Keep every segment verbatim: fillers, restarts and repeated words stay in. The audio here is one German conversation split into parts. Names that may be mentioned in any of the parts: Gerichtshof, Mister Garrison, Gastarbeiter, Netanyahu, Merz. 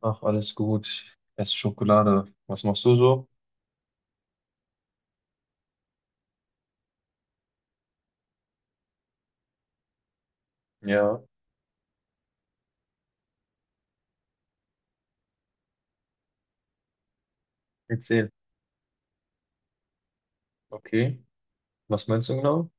Ach, alles gut. Ich esse Schokolade. Was machst du so? Ja, erzähl. Okay. Was meinst du genau?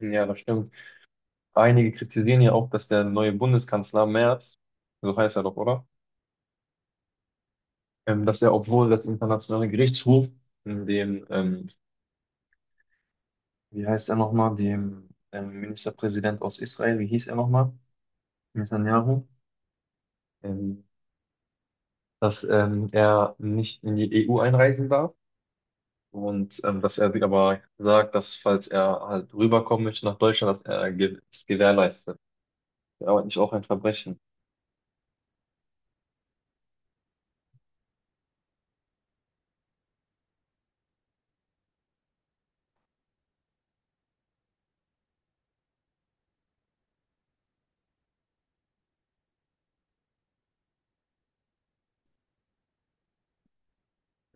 Ja, das stimmt. Einige kritisieren ja auch, dass der neue Bundeskanzler Merz, so heißt er doch, oder? Ähm, dass er, obwohl das internationale Gerichtshof dem, ähm, wie heißt er nochmal, dem ähm, Ministerpräsident aus Israel, wie hieß er nochmal? Netanyahu, ähm, dass ähm, er nicht in die E U einreisen darf. Und ähm, dass er sich aber sagt, dass falls er halt rüberkommen möchte nach Deutschland, dass er ge- es gewährleistet. Aber nicht auch ein Verbrechen.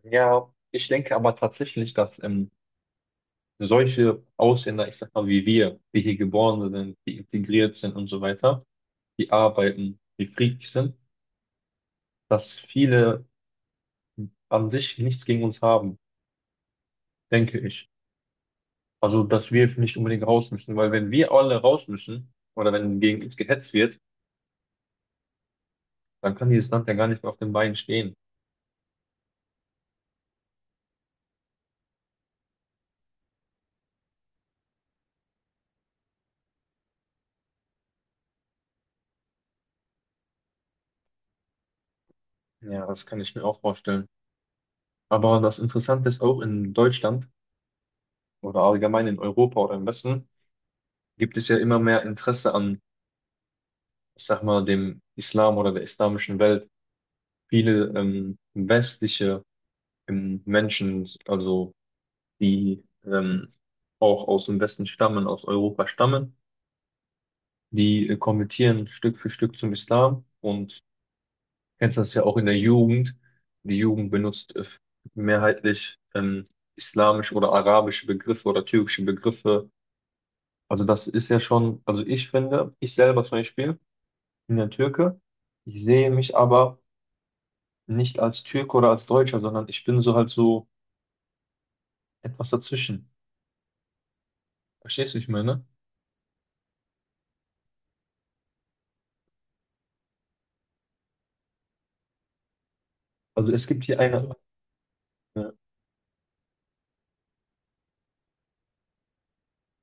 Ja, ich denke aber tatsächlich, dass ähm, solche Ausländer, ich sag mal wie wir, die hier geboren sind, die integriert sind und so weiter, die arbeiten, die friedlich sind, dass viele an sich nichts gegen uns haben, denke ich. Also, dass wir nicht unbedingt raus müssen, weil wenn wir alle raus müssen oder wenn gegen uns gehetzt wird, dann kann dieses Land ja gar nicht mehr auf den Beinen stehen. Ja, das kann ich mir auch vorstellen. Aber das Interessante ist auch in Deutschland oder allgemein in Europa oder im Westen gibt es ja immer mehr Interesse an, ich sag mal, dem Islam oder der islamischen Welt. Viele ähm, westliche ähm, Menschen, also die ähm, auch aus dem Westen stammen, aus Europa stammen, die äh, konvertieren Stück für Stück zum Islam und kennst das ja auch in der Jugend. Die Jugend benutzt äh, mehrheitlich ähm, islamische oder arabische Begriffe oder türkische Begriffe. Also das ist ja schon, also ich finde, ich selber zum Beispiel bin ja Türke. Ich sehe mich aber nicht als Türke oder als Deutscher, sondern ich bin so halt so etwas dazwischen. Verstehst du, wie ich meine? Also es gibt hier eine, äh,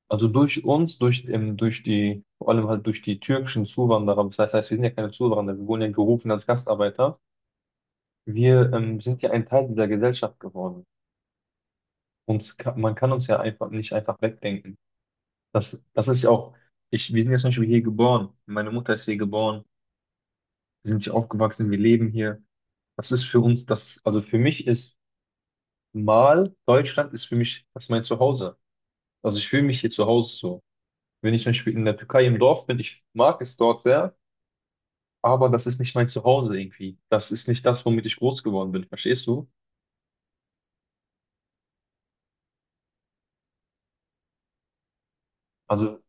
also durch uns, durch, ähm, durch die, vor allem halt durch die türkischen Zuwanderer, das heißt, wir sind ja keine Zuwanderer, wir wurden ja gerufen als Gastarbeiter. Wir ähm, sind ja ein Teil dieser Gesellschaft geworden. Uns, ka- man kann uns ja einfach nicht einfach wegdenken. Das, das ist ja auch, ich, wir sind jetzt zum Beispiel hier geboren. Meine Mutter ist hier geboren. Wir sind hier aufgewachsen. Wir leben hier. Das ist für uns, das, also für mich ist mal Deutschland, ist für mich, das ist mein Zuhause. Also ich fühle mich hier zu Hause so. Wenn ich zum Beispiel in der Türkei im Dorf bin, ich mag es dort sehr, aber das ist nicht mein Zuhause irgendwie. Das ist nicht das, womit ich groß geworden bin. Verstehst du? Also,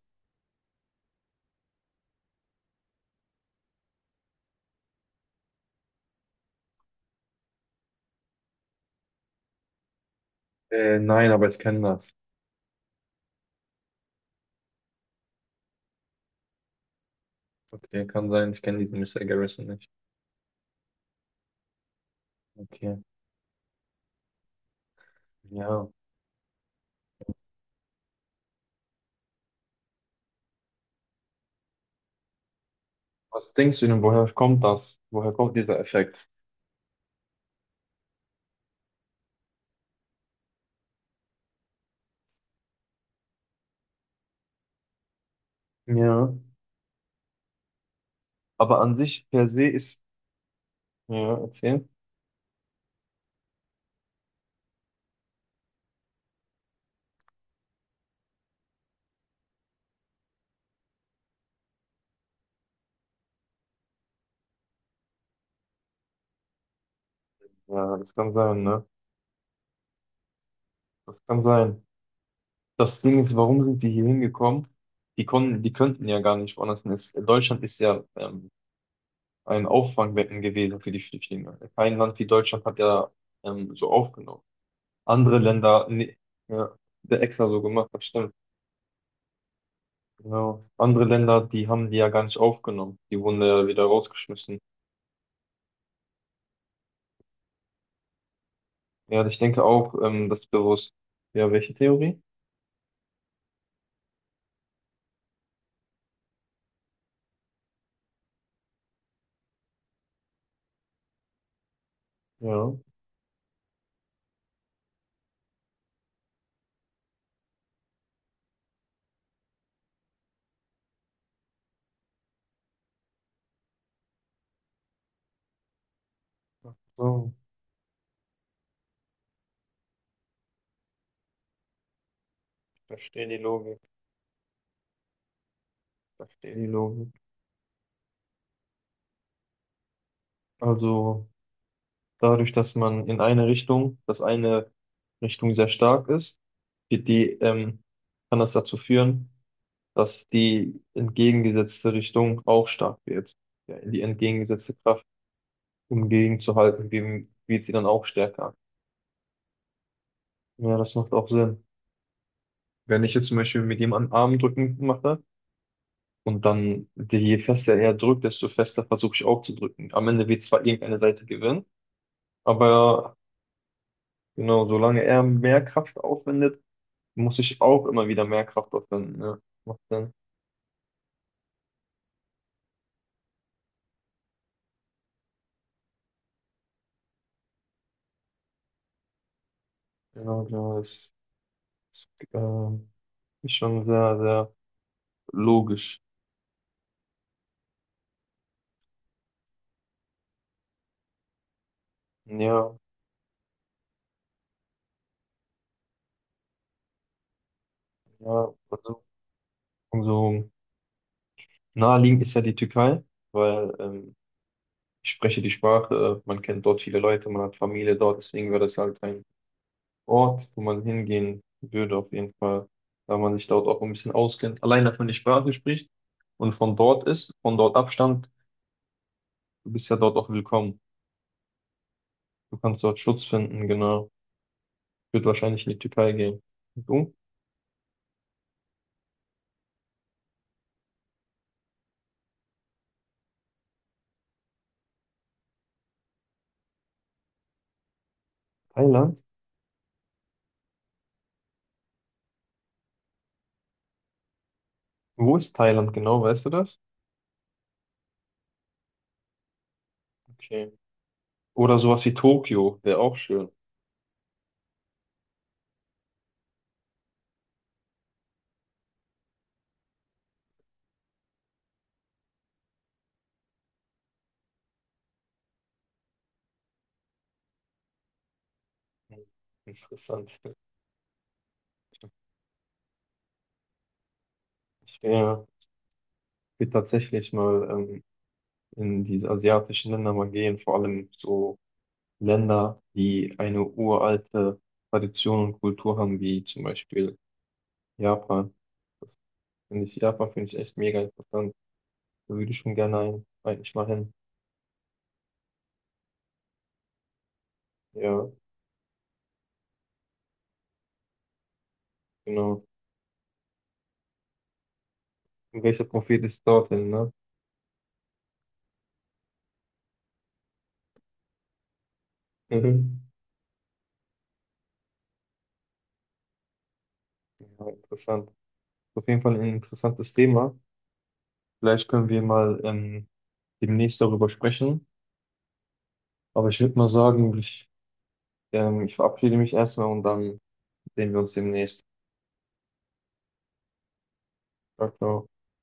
äh, nein, aber ich kenne das. Okay, kann sein. Ich kenne diesen Mister Garrison nicht. Okay, ja. Was denkst du denn, woher kommt das? Woher kommt dieser Effekt? Ja. Aber an sich per se ist, ja, erzähl. Ja, das kann sein, ne? Das kann sein. Das Ding ist, warum sind die hier hingekommen? Die konnten, die könnten ja gar nicht woanders hin. Es- Deutschland ist ja ähm, ein Auffangbecken gewesen für die Flüchtlinge. Kein Land wie Deutschland hat ja ähm, so aufgenommen. Andere Länder, nee, ja, der extra so gemacht, das stimmt. Genau. Andere Länder, die haben die ja gar nicht aufgenommen. Die wurden ja wieder rausgeschmissen. Ja, ich denke auch, ähm, das ist bewusst. Ja, welche Theorie? Ja. Ach so, ich verstehe die Logik. Ich verstehe die Logik. Also dadurch, dass man in eine Richtung, dass eine Richtung sehr stark ist, wird die, ähm, kann das dazu führen, dass die entgegengesetzte Richtung auch stark wird. Ja, die entgegengesetzte Kraft, um gegenzuhalten, gegen- wird sie dann auch stärker. Ja, das macht auch Sinn. Wenn ich jetzt zum Beispiel mit jemandem Armdrücken mache und dann die, je fester er drückt, desto fester versuche ich auch zu drücken. Am Ende wird zwar irgendeine Seite gewinnen, aber genau, solange er mehr Kraft aufwendet, muss ich auch immer wieder mehr Kraft aufwenden. Ne? Macht dann, genau, genau, das ist, ähm, ist schon sehr, sehr logisch. Ja, ja, also, also naheliegend ist ja die Türkei, weil ähm, ich spreche die Sprache, man kennt dort viele Leute, man hat Familie dort, deswegen wäre das halt ein Ort, wo man hingehen würde, auf jeden Fall, weil man sich dort auch ein bisschen auskennt, allein dass man die Sprache spricht und von dort ist, von dort abstammt, du bist ja dort auch willkommen. Du kannst dort Schutz finden, genau. Ich würde wahrscheinlich in die Türkei gehen. Und du? Thailand? Wo ist Thailand genau, weißt du das? Okay. Oder sowas wie Tokio, wäre auch schön. Hm, interessant. Ich wär, will tatsächlich mal ähm, in diese asiatischen Länder mal gehen, vor allem so Länder, die eine uralte Tradition und Kultur haben, wie zum Beispiel Japan. Das finde ich, Japan finde ich echt mega interessant. Da würde ich schon gerne ein, eigentlich mal hin. Ja, genau. Und welcher Prophet ist dorthin, ne? Mhm. Ja, interessant. Auf jeden Fall ein interessantes Thema. Vielleicht können wir mal ähm, demnächst darüber sprechen. Aber ich würde mal sagen, ich, ähm, ich verabschiede mich erstmal und dann sehen wir uns demnächst. Ciao, ciao.